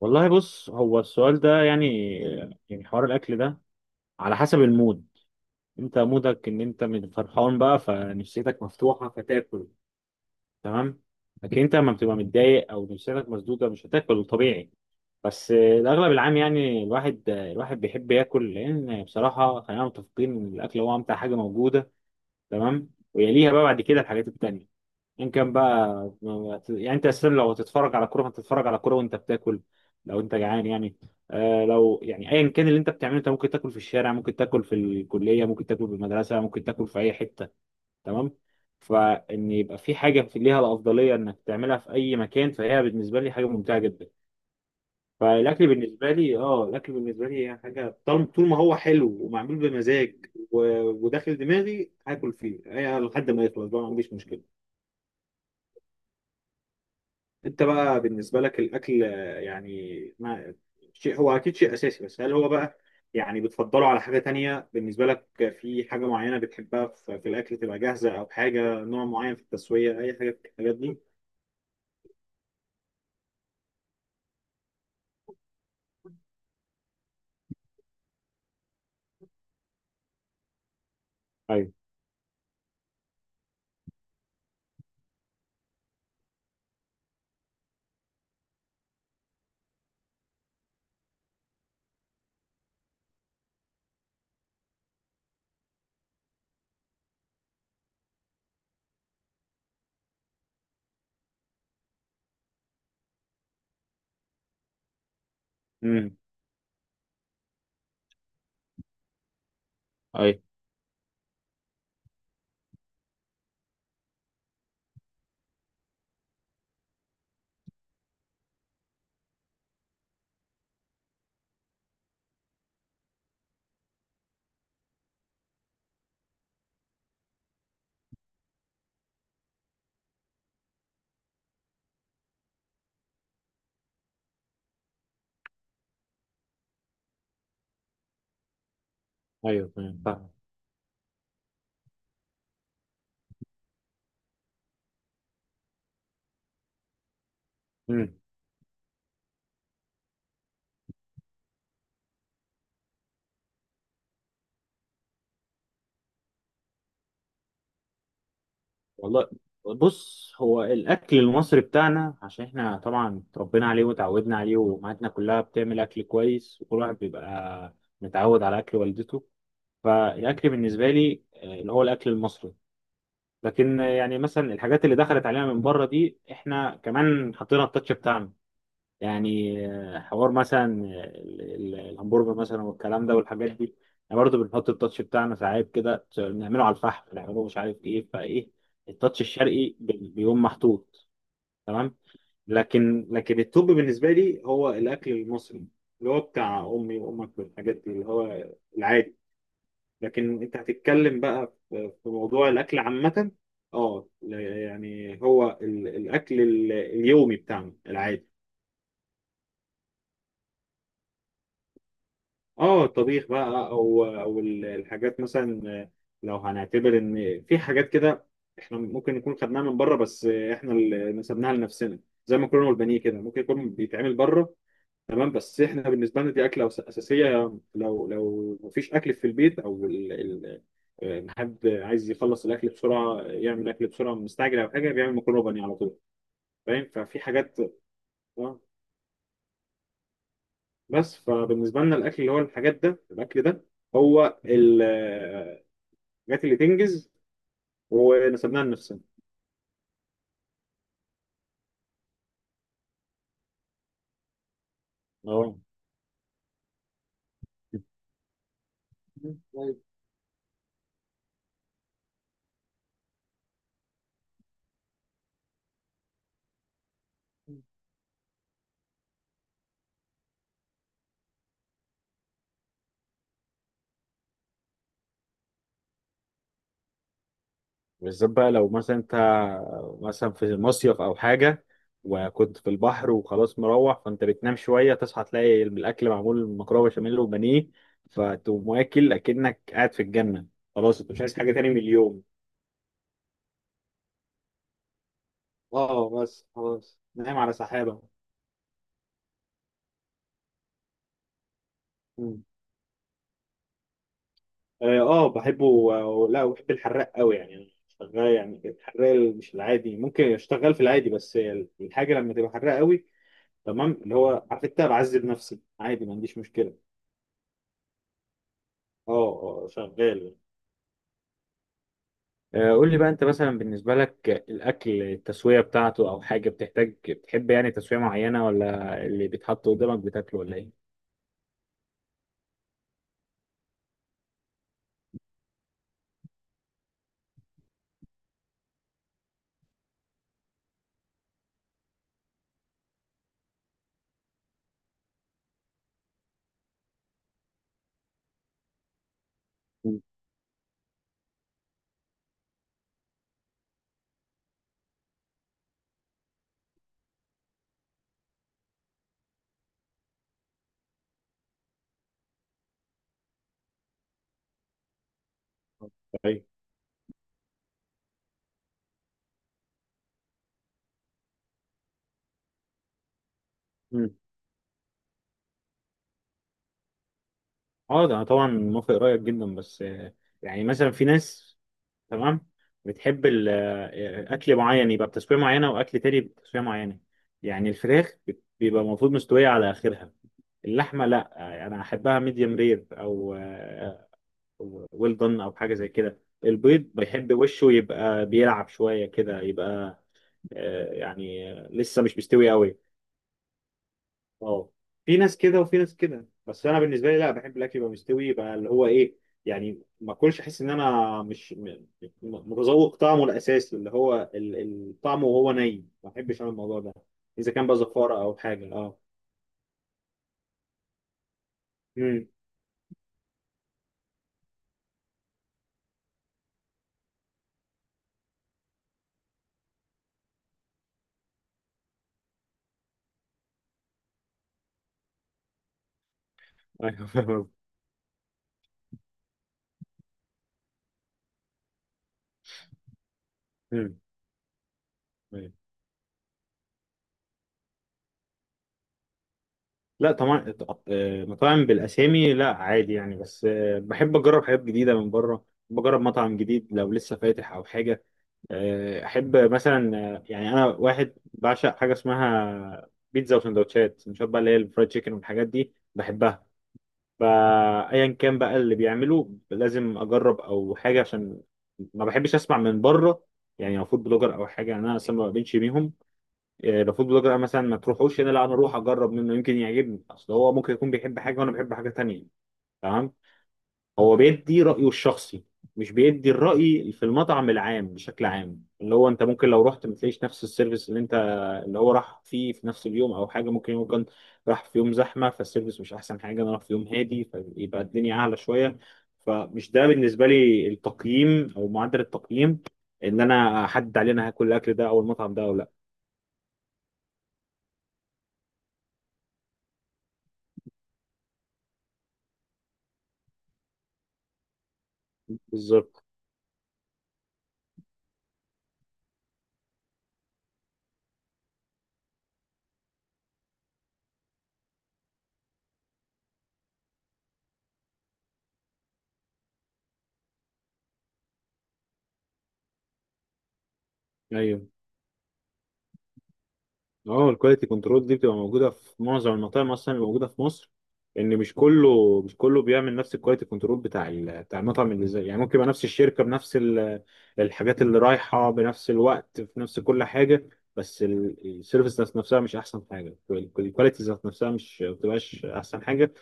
والله بص، هو السؤال ده يعني حوار الاكل ده على حسب المود. انت مودك ان انت من فرحان بقى فنفسيتك مفتوحه فتاكل، تمام. لكن انت لما بتبقى متضايق او نفسيتك مسدوده مش هتاكل طبيعي. بس الاغلب العام يعني الواحد، الواحد بيحب ياكل، لان بصراحه خلينا متفقين ان الاكل هو امتع حاجه موجوده. تمام، ويليها بقى بعد كده الحاجات التانيه. ان كان بقى يعني انت اساسا لو هتتفرج على كوره هتتفرج على كوره وانت بتاكل، لو انت جعان يعني. آه، لو يعني ايا كان اللي انت بتعمله انت ممكن تاكل في الشارع، ممكن تاكل في الكليه، ممكن تاكل في المدرسه، ممكن تاكل في اي حته. تمام. فان يبقى في حاجه في ليها الافضليه انك تعملها في اي مكان فهي بالنسبه لي حاجه ممتعه جدا. فالاكل بالنسبه لي اه، الاكل بالنسبه لي هي حاجه طالما طول ما هو حلو ومعمول بمزاج وداخل دماغي هاكل فيه لحد ما يخلص بقى، ما عنديش مشكله. انت بقى بالنسبه لك الاكل يعني ما، شيء هو اكيد شيء اساسي، بس هل هو بقى يعني بتفضله على حاجه تانية بالنسبه لك؟ في حاجه معينه بتحبها في الاكل، تبقى جاهزه او حاجه، نوع معين في التسويه، اي حاجه في الحاجات دي؟ ايوه. امم. ايوه. ايوه، تمام فاهم. امم. والله بص، هو الاكل المصري بتاعنا عشان احنا طبعا اتربينا عليه وتعودنا عليه، وامهاتنا كلها بتعمل اكل كويس، وكل واحد بيبقى متعود على اكل والدته. فالاكل بالنسبه لي اللي هو الاكل المصري. لكن يعني مثلا الحاجات اللي دخلت علينا من بره دي احنا كمان حطينا التاتش بتاعنا. يعني حوار مثلا، الهمبرجر مثلا والكلام ده والحاجات دي، احنا برضه بنحط التاتش بتاعنا. ساعات كده بنعمله على الفحم، بنعمله مش عارف ايه فايه. التاتش الشرقي بيقوم محطوط، تمام. لكن التوب بالنسبه لي هو الاكل المصري، اللي هو بتاع امي وامك والحاجات دي، اللي هو العادي. لكن انت هتتكلم بقى في موضوع الاكل عامه. اه، يعني هو الاكل اليومي بتاعنا العادي. اه، الطبيخ بقى، او الحاجات مثلا، لو هنعتبر ان في حاجات كده احنا ممكن نكون خدناها من بره بس احنا اللي نسبناها لنفسنا. زي ما كنا والبانيه كده، ممكن يكون بيتعمل بره، تمام، بس احنا بالنسبه لنا دي اكله اساسيه. لو لو مفيش اكل في البيت او حد عايز يخلص الاكل بسرعه، يعمل اكل بسرعه، مستعجل او حاجه، بيعمل مكرونه بانيه على طول. فاهم؟ ففي حاجات آه، بس فبالنسبه لنا الاكل اللي هو الحاجات ده، الاكل ده هو الحاجات اللي تنجز ونسبناها لنفسنا. اه، بالذات بقى لو مثلا انت مثلا في مصيف او حاجه وكنت في البحر وخلاص مروح، فانت بتنام شويه تصحى تلاقي الاكل معمول مكرونه بشاميل وبانيه، فتقوم واكل اكنك قاعد في الجنه، خلاص انت مش عايز حاجه تاني من اليوم. اه بس خلاص نايم على سحابه. مم. اه بحبه و- لا وبحب الحراق قوي يعني. شغال يعني، الحراق مش العادي، ممكن يشتغل في العادي بس الحاجه لما تبقى حراق قوي، تمام، اللي هو عارف انت بعذب نفسي عادي، ما عنديش مشكله. اه، شغال. قول لي بقى انت مثلا بالنسبه لك الاكل، التسويه بتاعته او حاجه بتحتاج، بتحب يعني تسويه معينه ولا اللي بيتحط قدامك بتاكله، ولا ايه؟ مم. طيب. مم. اه، ده انا طبعا موافق رايك جدا، بس يعني مثلا في ناس، تمام، بتحب اكل معين يبقى بتسويه معينه، واكل تاني بتسويه معينه. يعني الفراخ بيبقى المفروض مستويه على اخرها. اللحمه لا، انا احبها ميديم رير او ويل دون او حاجه زي كده. البيض بيحب وشه يبقى بيلعب شويه كده، يبقى يعني لسه مش مستوي قوي. اه، في ناس كده وفي ناس كده، بس انا بالنسبه لي لا، بحب الاكل يبقى مستوي، يبقى اللي هو ايه، يعني ما اكلش احس ان انا مش متذوق طعمه الاساسي، اللي هو طعمه، وهو ني ما بحبش انا الموضوع ده، اذا كان بقى زفاره او حاجه اه. امم. ايوه فاهم. أمم. لا طبعا، مطاعم بالاسامي لا عادي يعني، بس بحب اجرب حاجات جديده من بره، بجرب مطعم جديد لو لسه فاتح او حاجه. احب مثلا آه، يعني انا واحد بعشق حاجه اسمها بيتزا وسندوتشات. سندوتشات بقى اللي هي الفرايد تشيكن والحاجات دي بحبها. فايا كان بقى اللي بيعمله لازم اجرب او حاجه، عشان ما بحبش اسمع من بره. يعني لو فود بلوجر او حاجه، يعني انا اصلا ما بقبلش بيهم. لو فود بلوجر انا مثلا ما تروحوش هنا، لا، انا اروح اجرب منه، يمكن يعجبني، اصل هو ممكن يكون بيحب حاجه وانا بحب حاجه تانية. تمام. هو بيدي رايه الشخصي، مش بيدي الراي في المطعم العام بشكل عام. اللي هو انت ممكن لو رحت ما تلاقيش نفس السيرفيس اللي انت اللي هو راح فيه في نفس اليوم او حاجه، ممكن يكون راح في يوم زحمه فالسيرفيس مش احسن حاجه، انا راح في يوم هادي فيبقى الدنيا اعلى شويه. فمش ده بالنسبه لي التقييم او معدل التقييم ان انا احدد عليه انا هاكل الاكل ده او المطعم ده او لا. بالظبط. ايوه. اه، الكواليتي كنترول دي بتبقى موجوده في معظم المطاعم اصلا اللي موجوده في مصر، ان مش كله بيعمل نفس الكواليتي كنترول بتاع بتاع المطعم، اللي زي يعني ممكن يبقى نفس الشركه بنفس الحاجات اللي رايحه بنفس الوقت في نفس كل حاجه، بس السيرفيس ذات نفسها مش احسن حاجه، الكواليتي ذات نفسها مش ما بتبقاش احسن حاجه.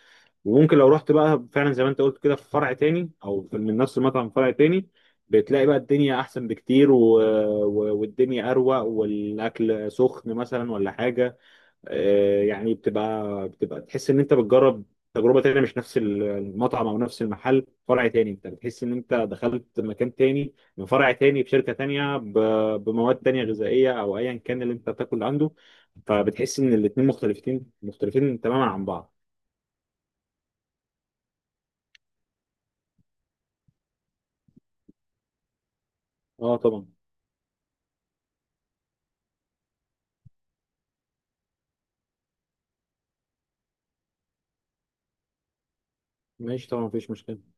وممكن لو رحت بقى فعلا زي ما انت قلت كده في فرع تاني او من نفس المطعم فرع تاني، بتلاقي بقى الدنيا احسن بكتير والدنيا اروق والاكل سخن مثلا ولا حاجه. يعني بتبقى تحس ان انت بتجرب تجربه تانية، مش نفس المطعم او نفس المحل، فرع تاني انت بتحس ان انت دخلت مكان تاني، من فرع تاني بشركه تانية بمواد تانية غذائيه او ايا كان اللي انت بتاكل عنده. فبتحس ان الاتنين مختلفين، مختلفين تماما عن بعض. اه طبعا. ماشي طبعا، مفيش مشكلة.